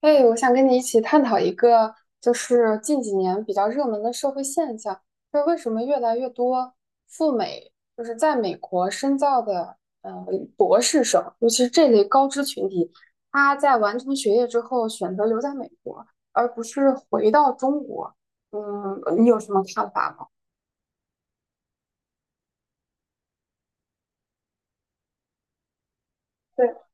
哎，我想跟你一起探讨一个，就是近几年比较热门的社会现象，就是为什么越来越多赴美，就是在美国深造的，呃，博士生，尤其是这类高知群体，他在完成学业之后选择留在美国，而不是回到中国。嗯，你有什么看法吗？对。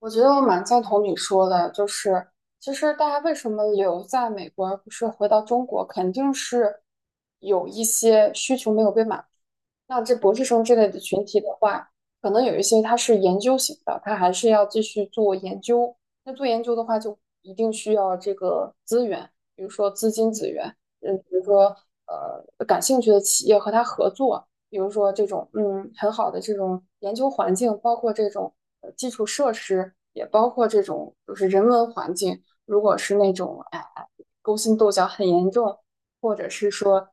我觉得我蛮赞同你说的，就是其实大家为什么留在美国而不是回到中国，肯定是有一些需求没有被满足。那这博士生之类的群体的话，可能有一些他是研究型的，他还是要继续做研究。那做研究的话，就一定需要这个资源，比如说资金资源，比如说感兴趣的企业和他合作，比如说这种很好的这种研究环境，包括这种基础设施，也包括这种就是人文环境。如果是那种勾心斗角很严重，或者是说。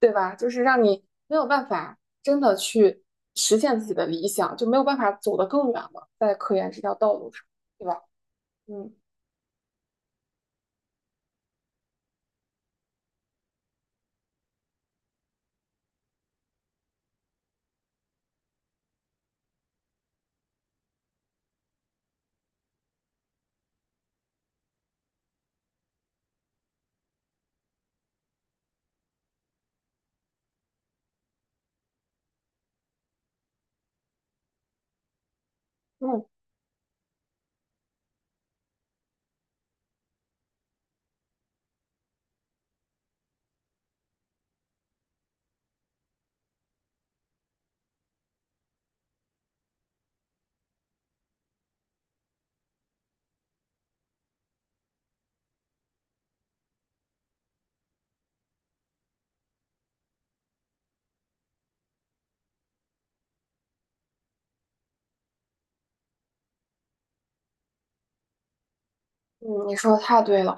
对，是让你没有办法真的去实现自己的理想，就没有办法走得更远了，在科研这条道路上，对吧？嗯嗯嗯，你说的太对了。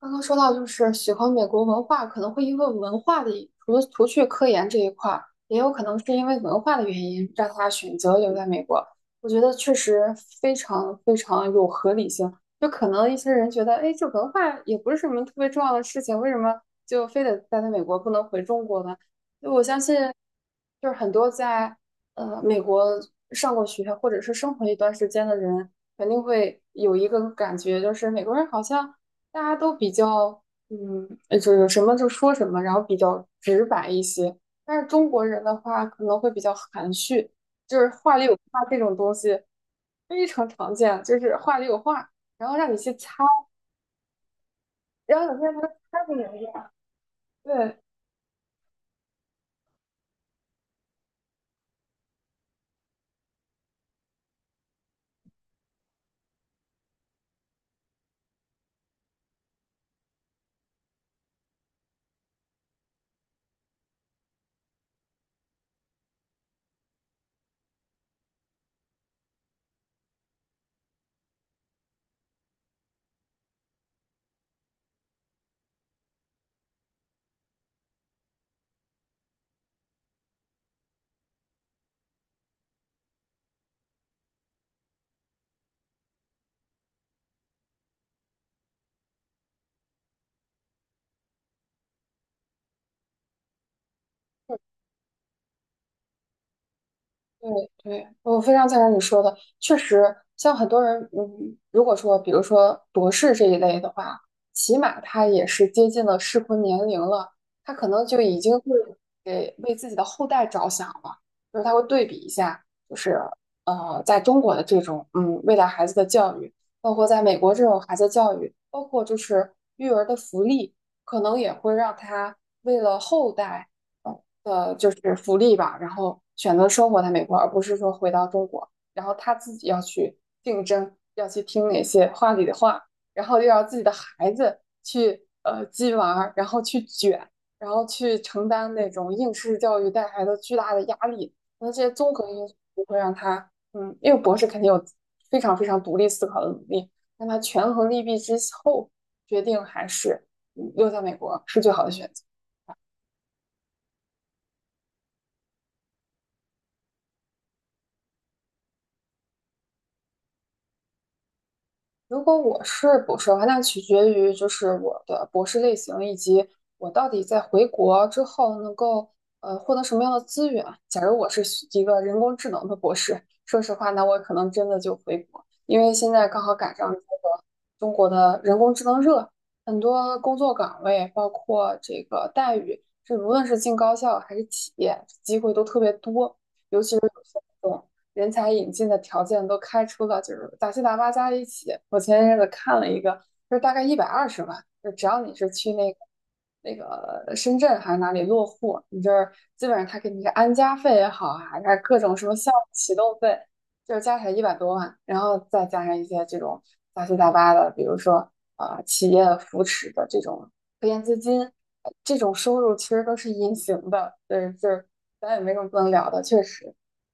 刚刚说到，就是喜欢美国文化，可能会因为文化的一，除去科研这一块儿，也有可能是因为文化的原因，让他选择留在美国。我觉得确实非常非常有合理性。就可能一些人觉得，哎，这文化也不是什么特别重要的事情，为什么就非得待在美国，不能回中国呢？就我相信，就是很多在美国上过学或者是生活一段时间的人，肯定会有一个感觉，就是美国人好像。大家都比较，就有什么就说什么，然后比较直白一些。但是中国人的话可能会比较含蓄，就是话里有话这种东西非常常见，就是话里有话，然后让你去猜，然后有些人他猜不明白。对，对对，我非常赞成你说的，确实，像很多人，如果说，比如说博士这一类的话，起码他也是接近了适婚年龄了，他可能就已经会给为自己的后代着想了，就是他会对比一下，就是在中国的这种未来孩子的教育，包括在美国这种孩子教育，包括就是育儿的福利，可能也会让他为了后代。的就是福利吧，然后选择生活在美国，而不是说回到中国，然后他自己要去竞争，要去听哪些话里的话，然后又要自己的孩子去鸡娃然后去卷，然后去承担那种应试教育带来的巨大的压力，那这些综合因素会让他，因为博士肯定有非常非常独立思考的能力，让他权衡利弊之后决定还是留在美国是最好的选择。如果我是博士的话，那取决于就是我的博士类型以及我到底在回国之后能够获得什么样的资源。假如我是学一个人工智能的博士，说实话，那我可能真的就回国，因为现在刚好赶上这个中国的人工智能热，很多工作岗位，包括这个待遇，这无论是进高校还是企业，机会都特别多。尤其是。种人才引进的条件都开出了，就是杂七杂八加一起。我前一阵子看了一个，就是大概120万，就只要你是去那个深圳还是哪里落户，你就是基本上他给你个安家费也好啊，还是各种什么项目启动费，就是加起来100多万，然后再加上一些这种杂七杂八的，比如说企业扶持的这种收入其实都是隐形的，对，就是咱也没什么不能聊的，确实，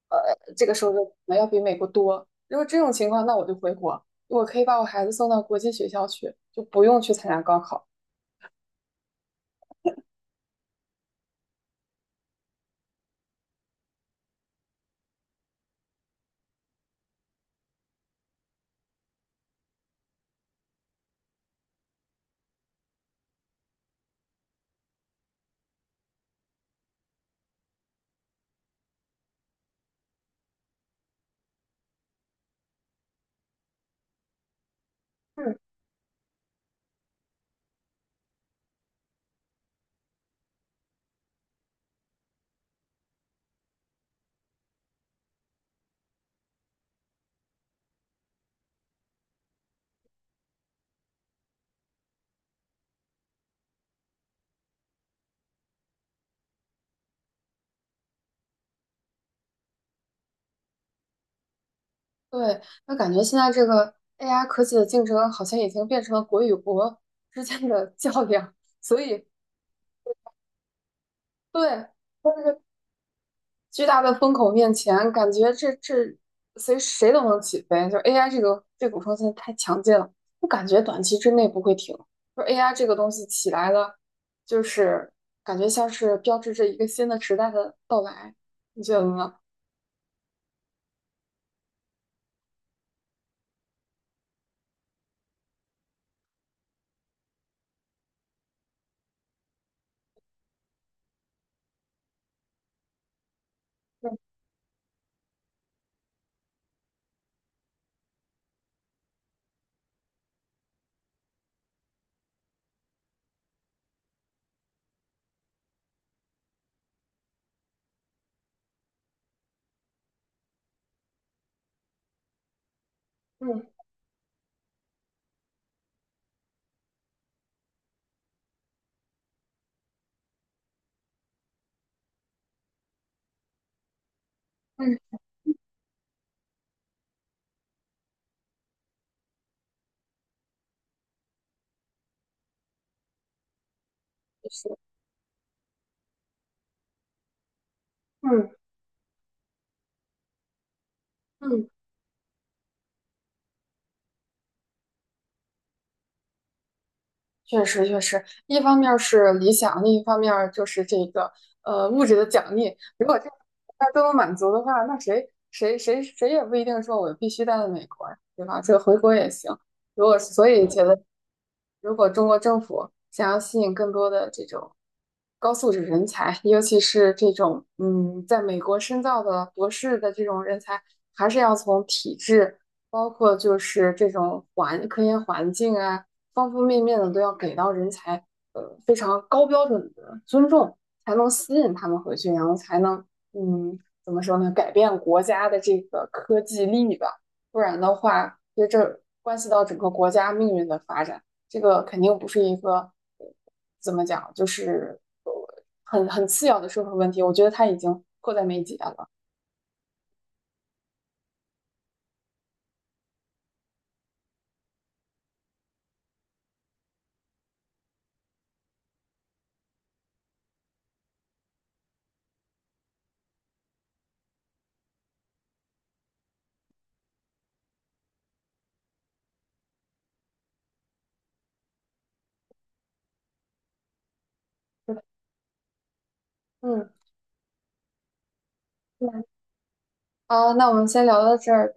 呃，这个收入可能要比美国多。如果这种情况，那我就回国，我可以把我孩子送到国际学校去，就不用去参加高考。嗯，对，那感觉现在这个 AI 科技的竞争好像已经变成了国与国之间的 较量，所以对，但是。巨大的风口面前，感觉这谁谁都能起飞。就 AI 这个这股风现在太强劲了，我感觉短期之内不会停。就 AI 这个东西起来了，就是感觉像是标志着一个新的时代的到来，你觉得呢？嗯嗯嗯，是嗯嗯。确实，确实，一方面儿是理想，另一方面儿就是这个物质的奖励。如果这大家都能满足的话，那谁谁谁谁也不一定说我必须待在美国呀，对吧？这个回国也行。如果所以觉得，如果中国政府想要吸引更多的这种高素质人才，尤其是这种在美国深造的博士的这种人才，还是要从体制，包括就是这种环科研环境啊。方方面面的都要给到人才，非常高标准的尊重，才能吸引他们回去，然后才能，嗯，怎么说呢，改变国家的这个科技力吧。不然的话，其实这关系到整个国家命运的发展，这个肯定不是一个，呃怎么讲，就是很次要的社会问题。我觉得它已经迫在眉睫了。嗯，嗯啊，那我们先聊到这儿。